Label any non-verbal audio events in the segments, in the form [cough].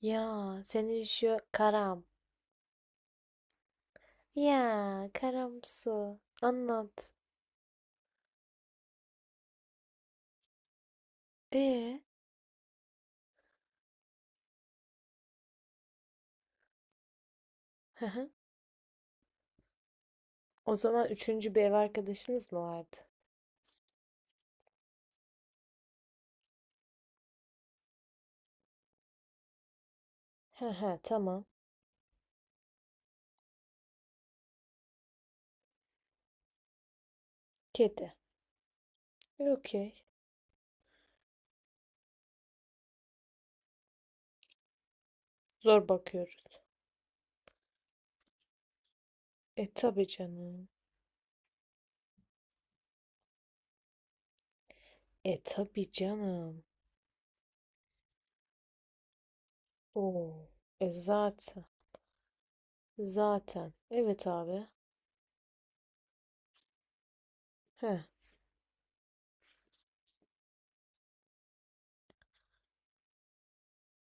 Ya senin şu karam. Ya karamsu. Anlat. E, hı hı. O zaman üçüncü bir ev arkadaşınız mı vardı? Hı hı, tamam. Kedi. Okey. Zor bakıyoruz. E tabi canım. E tabi canım. Oo. E zaten. Zaten. Evet abi. Heh.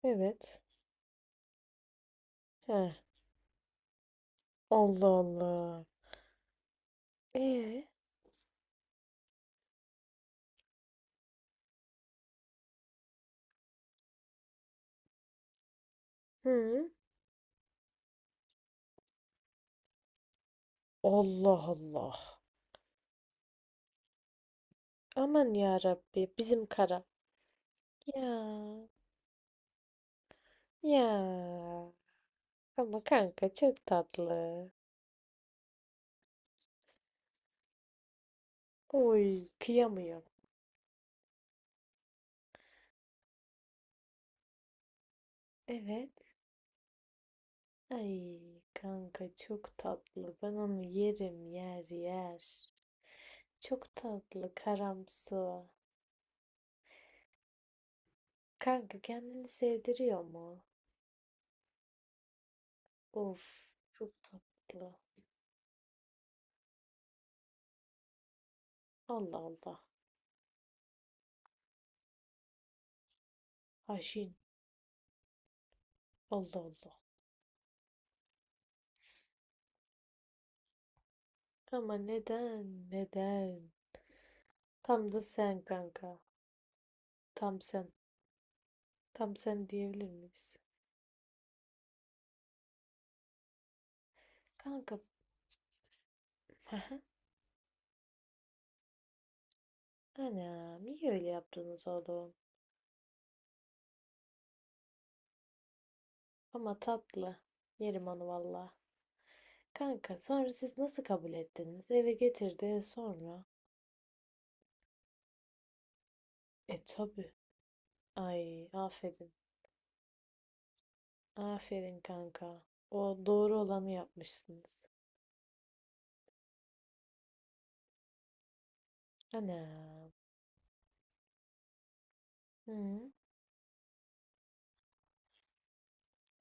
Evet. Heh. Allah Allah. E. Hı. Allah Allah. Aman ya Rabbi bizim kara. Ya Ya ama kanka çok tatlı. Oy kıyamıyorum. Evet. Ay kanka çok tatlı. Ben onu yerim yer yer. Çok tatlı karamsu. Kanka kendini sevdiriyor mu? Of çok tatlı. Allah Allah. Haşin. Allah Allah. Ama neden? Neden? Tam da sen kanka. Tam sen. Tam sen diyebilir miyiz? Kanka. [laughs] Anam iyi öyle yaptınız oğlum. Ama tatlı. Yerim onu valla. Kanka sonra siz nasıl kabul ettiniz? Eve getirdi sonra. E tabii. Ay aferin. Aferin kanka. O doğru olanı yapmışsınız. Anam. Hı?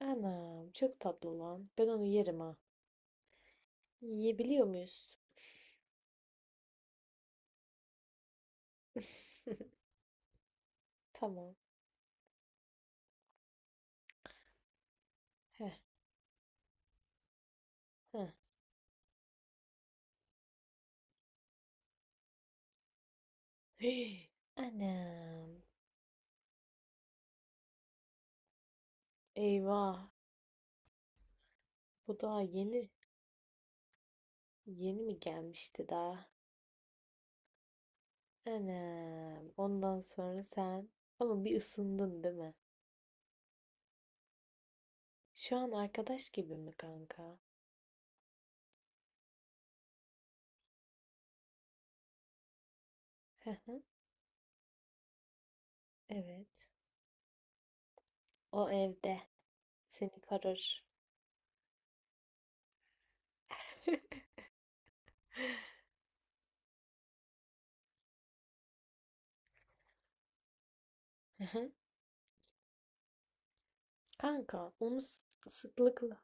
Anam çok tatlı lan. Ben onu yerim ha. Yiyebiliyor muyuz? [laughs] Tamam. Heh, heh. [gasps] Hii, anam. Eyvah. Bu daha yeni. Yeni mi gelmişti daha? Anam. Ondan sonra sen ama bir ısındın değil mi? Şu an arkadaş gibi mi kanka? Hı hı. Evet. O evde seni korur. [laughs] Hı hı. Kanka onu sıklıkla.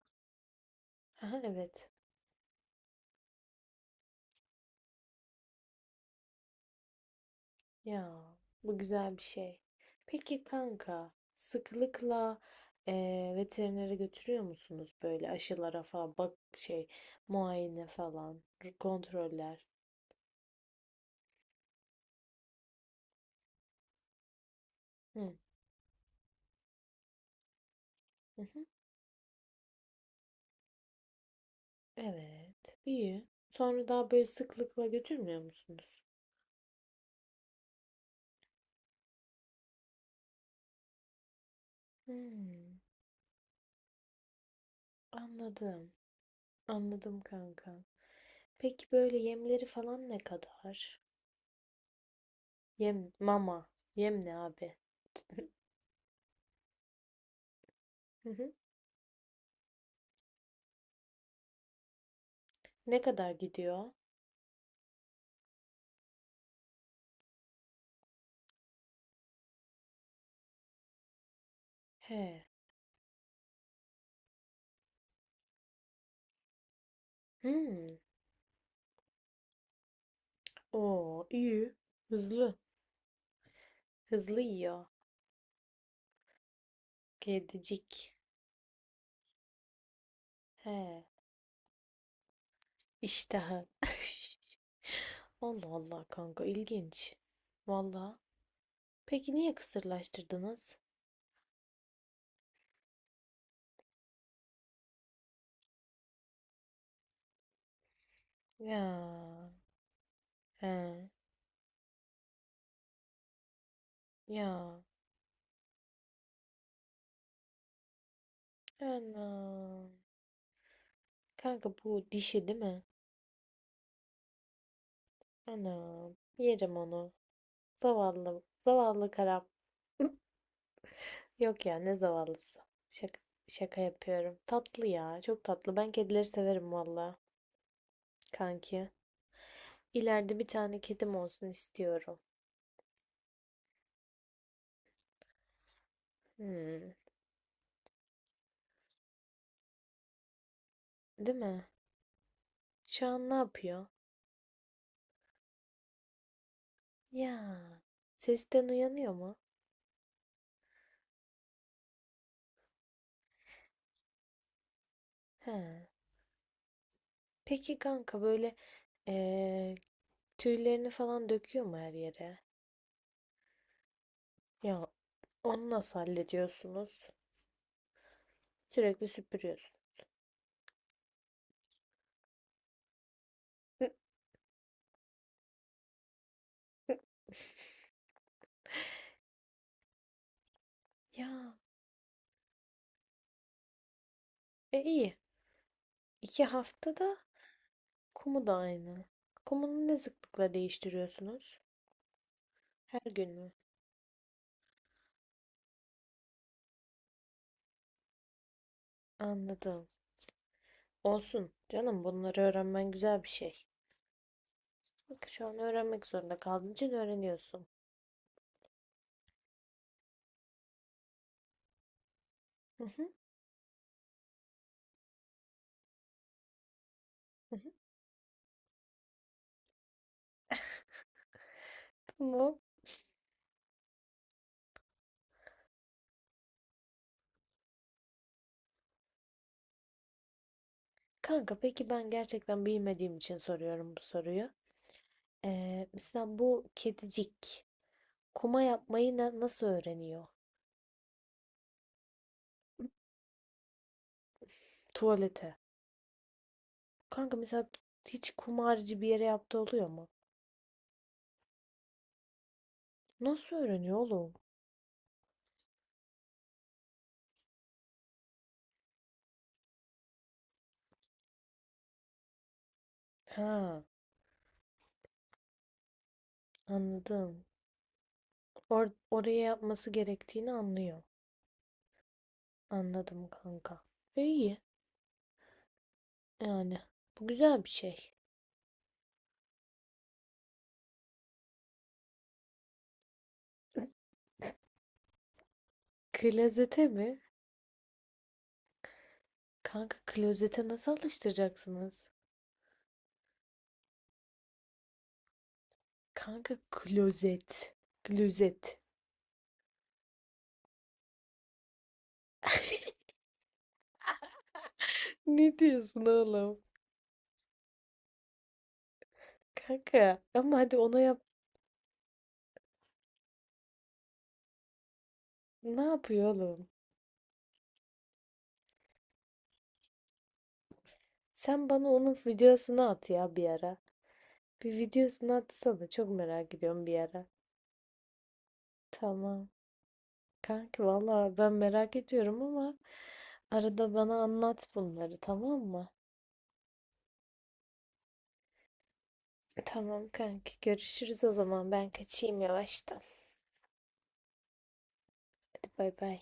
Hı hı, evet. Ya bu güzel bir şey. Peki kanka sıklıkla veterinere götürüyor musunuz böyle aşılara falan bak şey muayene falan kontroller. Hı. Hı hı. Evet, iyi. Sonra daha böyle sıklıkla götürmüyor musunuz? Hımm, anladım. Anladım kanka. Peki böyle yemleri falan ne kadar? Yem, mama. Yem ne abi? [laughs] Hı hı. Ne kadar gidiyor? He. Hmm. Oo, iyi. Hızlı. Hızlı yiyor. Kedicik. He. İştahı. [laughs] Allah Allah kanka ilginç. Valla. Peki niye kısırlaştırdınız? Ya, he, ya, anam. Kanka bu dişi değil mi? Anam, yerim onu. Zavallı, zavallı karam. Yok ya, ne zavallısı. Şaka, şaka yapıyorum. Tatlı ya, çok tatlı. Ben kedileri severim valla, kanki. İleride bir tane kedim olsun istiyorum. Hmm, değil mi? Şu an ne yapıyor? Ya, sesten uyanıyor mu? He. Peki kanka böyle Ee, tüylerini falan döküyor mu her yere? Ya onu nasıl hallediyorsunuz? Sürekli süpürüyorsun. Hı, ya iyi. İki haftada kumu da aynı. Kumunu ne sıklıkla değiştiriyorsunuz? Her gün mü? Anladım. Olsun canım bunları öğrenmen güzel bir şey. Bak şu an öğrenmek zorunda kaldığın için öğreniyorsun. Hı hı, hı hı. Tamam. Kanka peki ben gerçekten bilmediğim için soruyorum bu soruyu. Mesela bu kedicik. Kuma yapmayı nasıl öğreniyor? Tuvalete. Kanka mesela hiç kumarcı bir yere yaptığı oluyor mu? Nasıl öğreniyor oğlum? Ha, anladım. Oraya yapması gerektiğini anlıyor. Anladım kanka. İyi yani. Bu güzel bir şey. Klozete mi? Kanka klozete nasıl alıştıracaksınız? Kanka klozet. Klozet. [laughs] Ne diyorsun oğlum? Kanka ama hadi ona yap... Ne yapıyor oğlum? Sen bana onun videosunu at ya bir ara. Bir videosunu atsana. Çok merak ediyorum bir ara. Tamam. Kanki valla ben merak ediyorum ama arada bana anlat bunları tamam mı? Tamam kanki görüşürüz o zaman. Ben kaçayım yavaştan. Hadi bay bay.